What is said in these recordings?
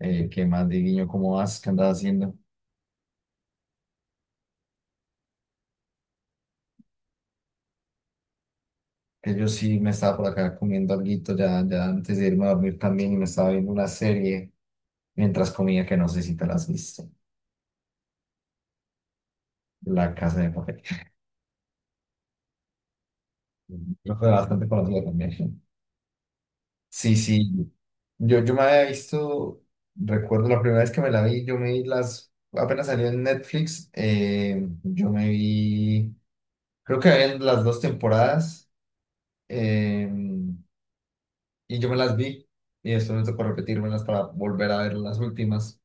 ¿Qué más, Diguiño? ¿Cómo vas? ¿Qué andas haciendo? Que yo sí me estaba por acá comiendo alguito ya antes de irme a dormir también y me estaba viendo una serie mientras comía que no sé si te la has visto. La Casa de Papel. Creo que era bastante conocida también. Sí, sí. Yo me había visto, recuerdo la primera vez que me la vi, yo me vi las, apenas salió en Netflix, yo me vi, creo que habían las dos temporadas. eh, y yo me las vi y después me tocó repetírmelas para volver a ver las últimas,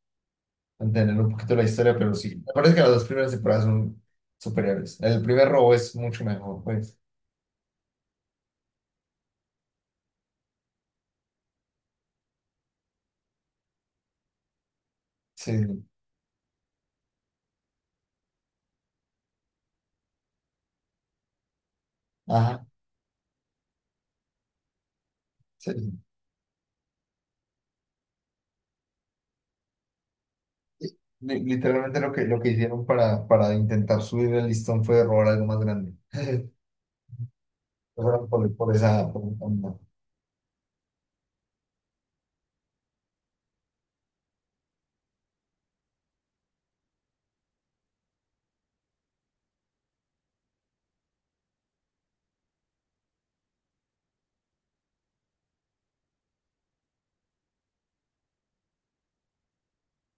entender un poquito la historia, pero sí, me parece que las dos primeras temporadas son superiores. El primer robo es mucho mejor, pues. Sí, ajá, sí. Sí. Literalmente lo que hicieron para intentar subir el listón fue robar algo más grande. Fueron por esa, por esa onda,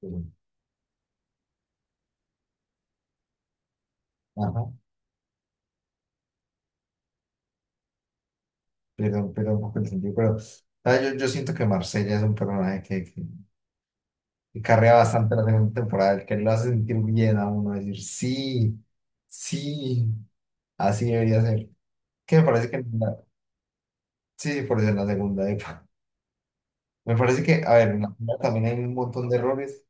pero bueno, ajá, pero un poco el sentido, pero ah, yo siento que Marsella es un personaje que y carrea bastante la segunda temporada, que lo hace sentir bien a uno, decir, sí, sí, así debería ser. Que me parece que, en la sí, por eso en la segunda, epa. Me parece que, a ver, en la primera también hay un montón de errores,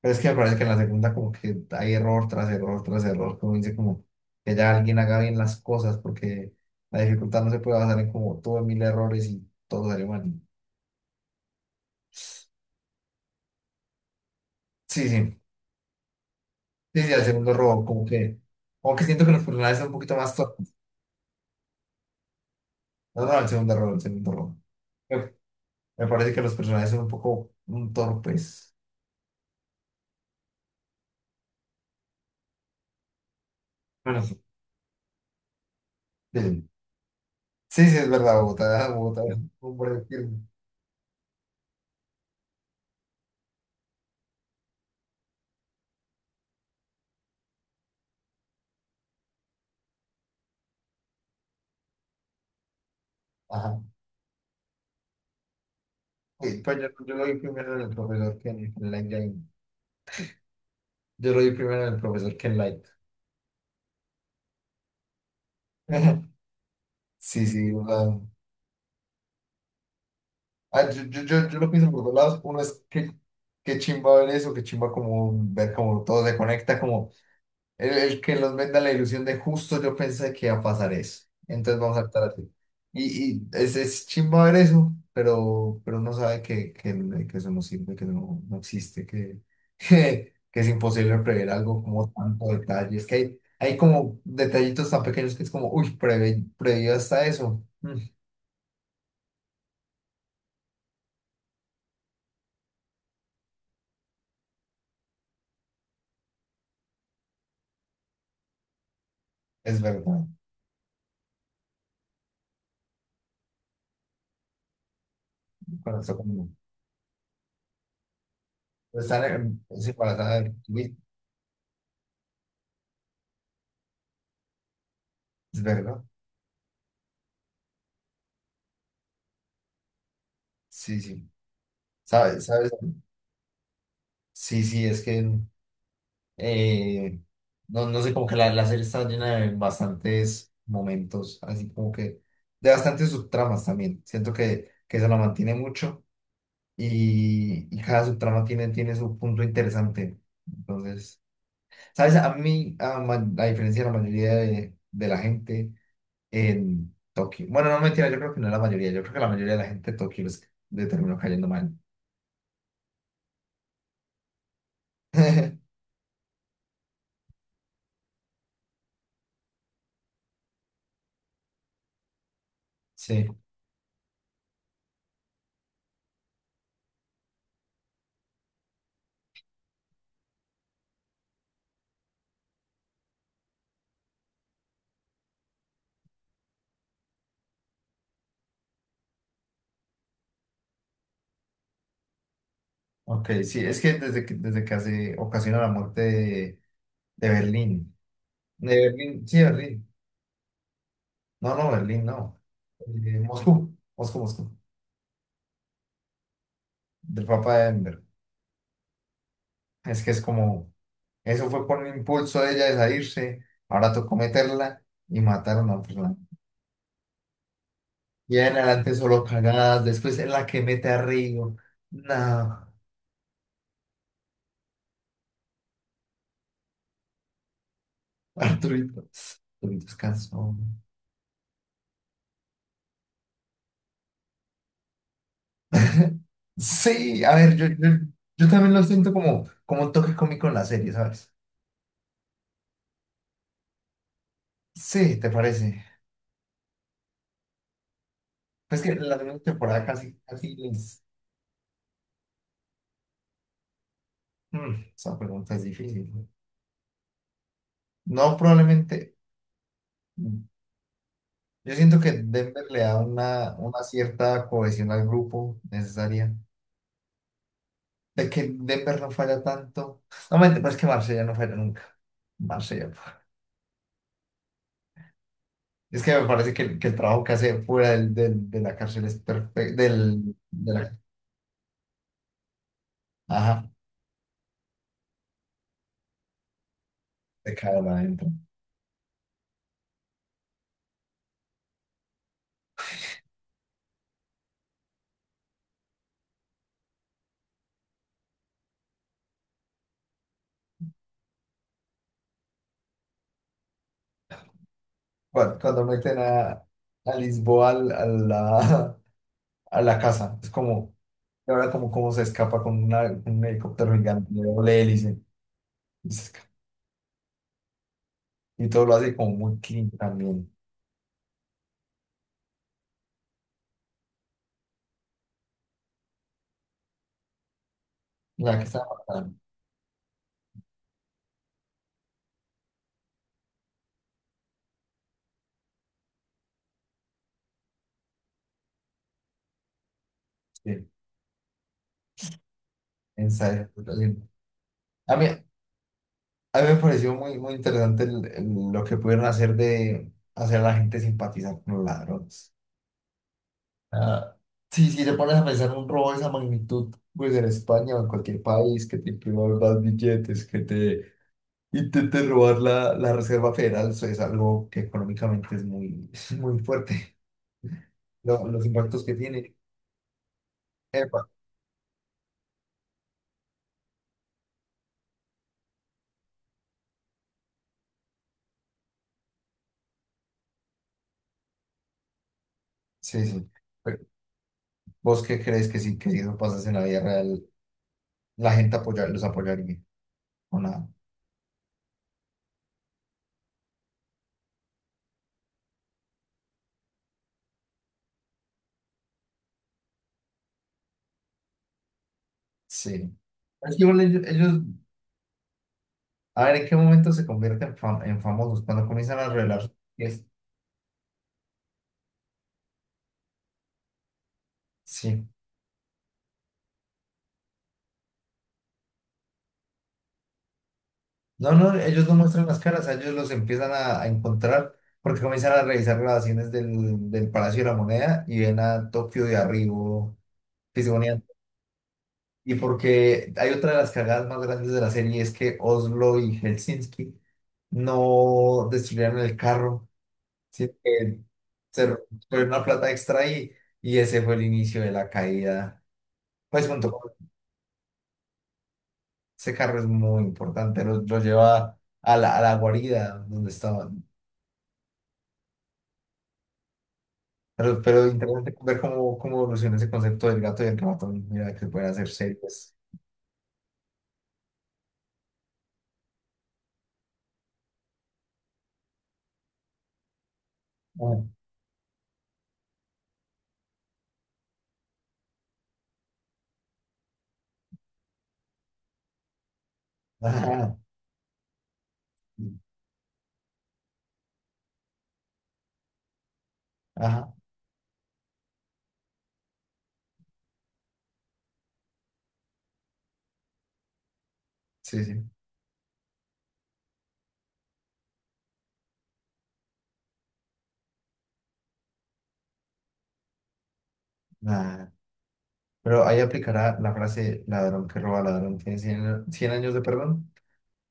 pero es que me parece que en la segunda como que hay error tras error tras error, como dice, como que ya alguien haga bien las cosas, porque la dificultad no se puede basar en como tuve mil errores y todo sale mal. Sí, sí, sí, sí, el segundo error, como que siento que los personajes son un poquito más torpes. No, no, el segundo error, el segundo error. Eh, Me parece que los personajes son un poco torpes. Bueno, sí. Sí, sí, sí, es verdad, Bogotá es un hombre firme. Ajá. Sí, pues yo lo vi primero en el profesor que en Light Game. Yo lo vi primero en el profesor que en Light. Sí, sí, o ah, yo lo pienso por dos lados. Uno es que qué chimba ver eso, qué chimba como ver cómo todo se conecta, como el que nos venda la ilusión de justo yo pensé que iba a pasar eso. Entonces vamos a estar así. Y es chimba ver eso, pero uno sabe que eso no sirve, que no, no existe, que, que, es imposible prever algo como tanto detalle. Es que hay como detallitos tan pequeños que es como, uy, preve, previó hasta eso. Mm, es verdad. Con eso como, están en es embarazada de uy, es verdad. Sí, sí. ¿Sabes? ¿Sabes? Sí, sí, es que Eh, no, no sé, como que la serie está llena de bastantes momentos, así como que de bastantes subtramas también. Siento que se la mantiene mucho y cada subtrama tiene, tiene su punto interesante. Entonces, ¿sabes? A mí, a, ma- a diferencia de la mayoría de la gente en Tokio, bueno, no mentira, yo creo que no la mayoría, yo creo que la mayoría de la gente de Tokio les, le terminó cayendo mal. Sí, ok, sí, es que desde que, desde que hace, ocasiona la muerte. De Berlín. De Berlín, sí, Berlín. No, no, Berlín, no. Moscú, Moscú, Moscú. Del Papa de Denver. Es que es como, eso fue por el impulso de ella de salirse. Ahora tocó meterla y matar a una persona. Y en adelante solo cagadas. Después es la que mete a Río. No, Arturito. Arturito es cansón. Sí, a ver, yo también lo siento como, como un toque cómico en la serie, ¿sabes? Sí, ¿te parece? Es que la segunda temporada casi, casi les mm, esa pregunta es difícil. ¿No? No, probablemente mm, yo siento que Denver le da una cierta cohesión al grupo necesaria. De que Denver no falla tanto. No, mente, pero es que Marsella no falla nunca. Marsella. Es que me parece que el trabajo que hace fuera del, del de la cárcel es perfecto. Del, de la, ajá, de cada lado adentro. Cuando, cuando meten a Lisboa al a la casa, es como y ahora como, como se escapa con una con un helicóptero gigante, de doble hélice. Y, se esca- y todo lo hace como muy clean también. La que está bacana, sí, en serio, lo siento. A mí me pareció muy, muy interesante el lo que pudieron hacer de hacer a la gente simpatizar con los ladrones. Ah, sí, si te pones a pensar un robo de esa magnitud, pues en España o en cualquier país, que te impriman más billetes, que te intenten robar la Reserva Federal, eso es algo que económicamente es muy, muy fuerte. Lo- los impactos que tiene. Epa, sí, sí. Pero, ¿vos qué crees que sí, que si eso pasase en la vida real, la gente apoyar, los apoyaría o nada? Sí. Es que igual a ver en qué momento se convierten en, fam- en famosos, cuando comienzan a revelar sus pies. Sí. No, no, ellos no muestran las caras, a ellos los empiezan a encontrar porque comienzan a revisar grabaciones del, del Palacio de la Moneda y ven a Tokio de arriba, y porque hay otra de las cagadas más grandes de la serie es que Oslo y Helsinki no destruyeron el carro, sino que se fue una plata extra ahí y ese fue el inicio de la caída. Pues junto con ese carro es muy importante, lo lleva a la guarida donde estaban. Pero interesante ver cómo, cómo evoluciona ese concepto del gato y el ratón. Mira, que se pueden hacer series. Ah, ajá, ajá, sí, sí. Ah. Pero ahí aplicará la frase ladrón que roba ladrón. Tiene cien años de perdón.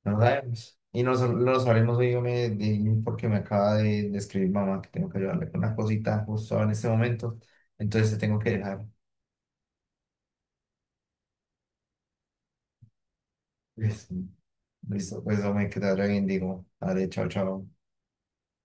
No lo sabemos. Y no, sab- no lo sabremos hoy yo me, de- porque me acaba de escribir mamá que tengo que ayudarle con una cosita justo ahora en este momento. Entonces te tengo que dejar. Listo, listo, pues hombre, que te vaya bien, digo. Vale, chao, chao.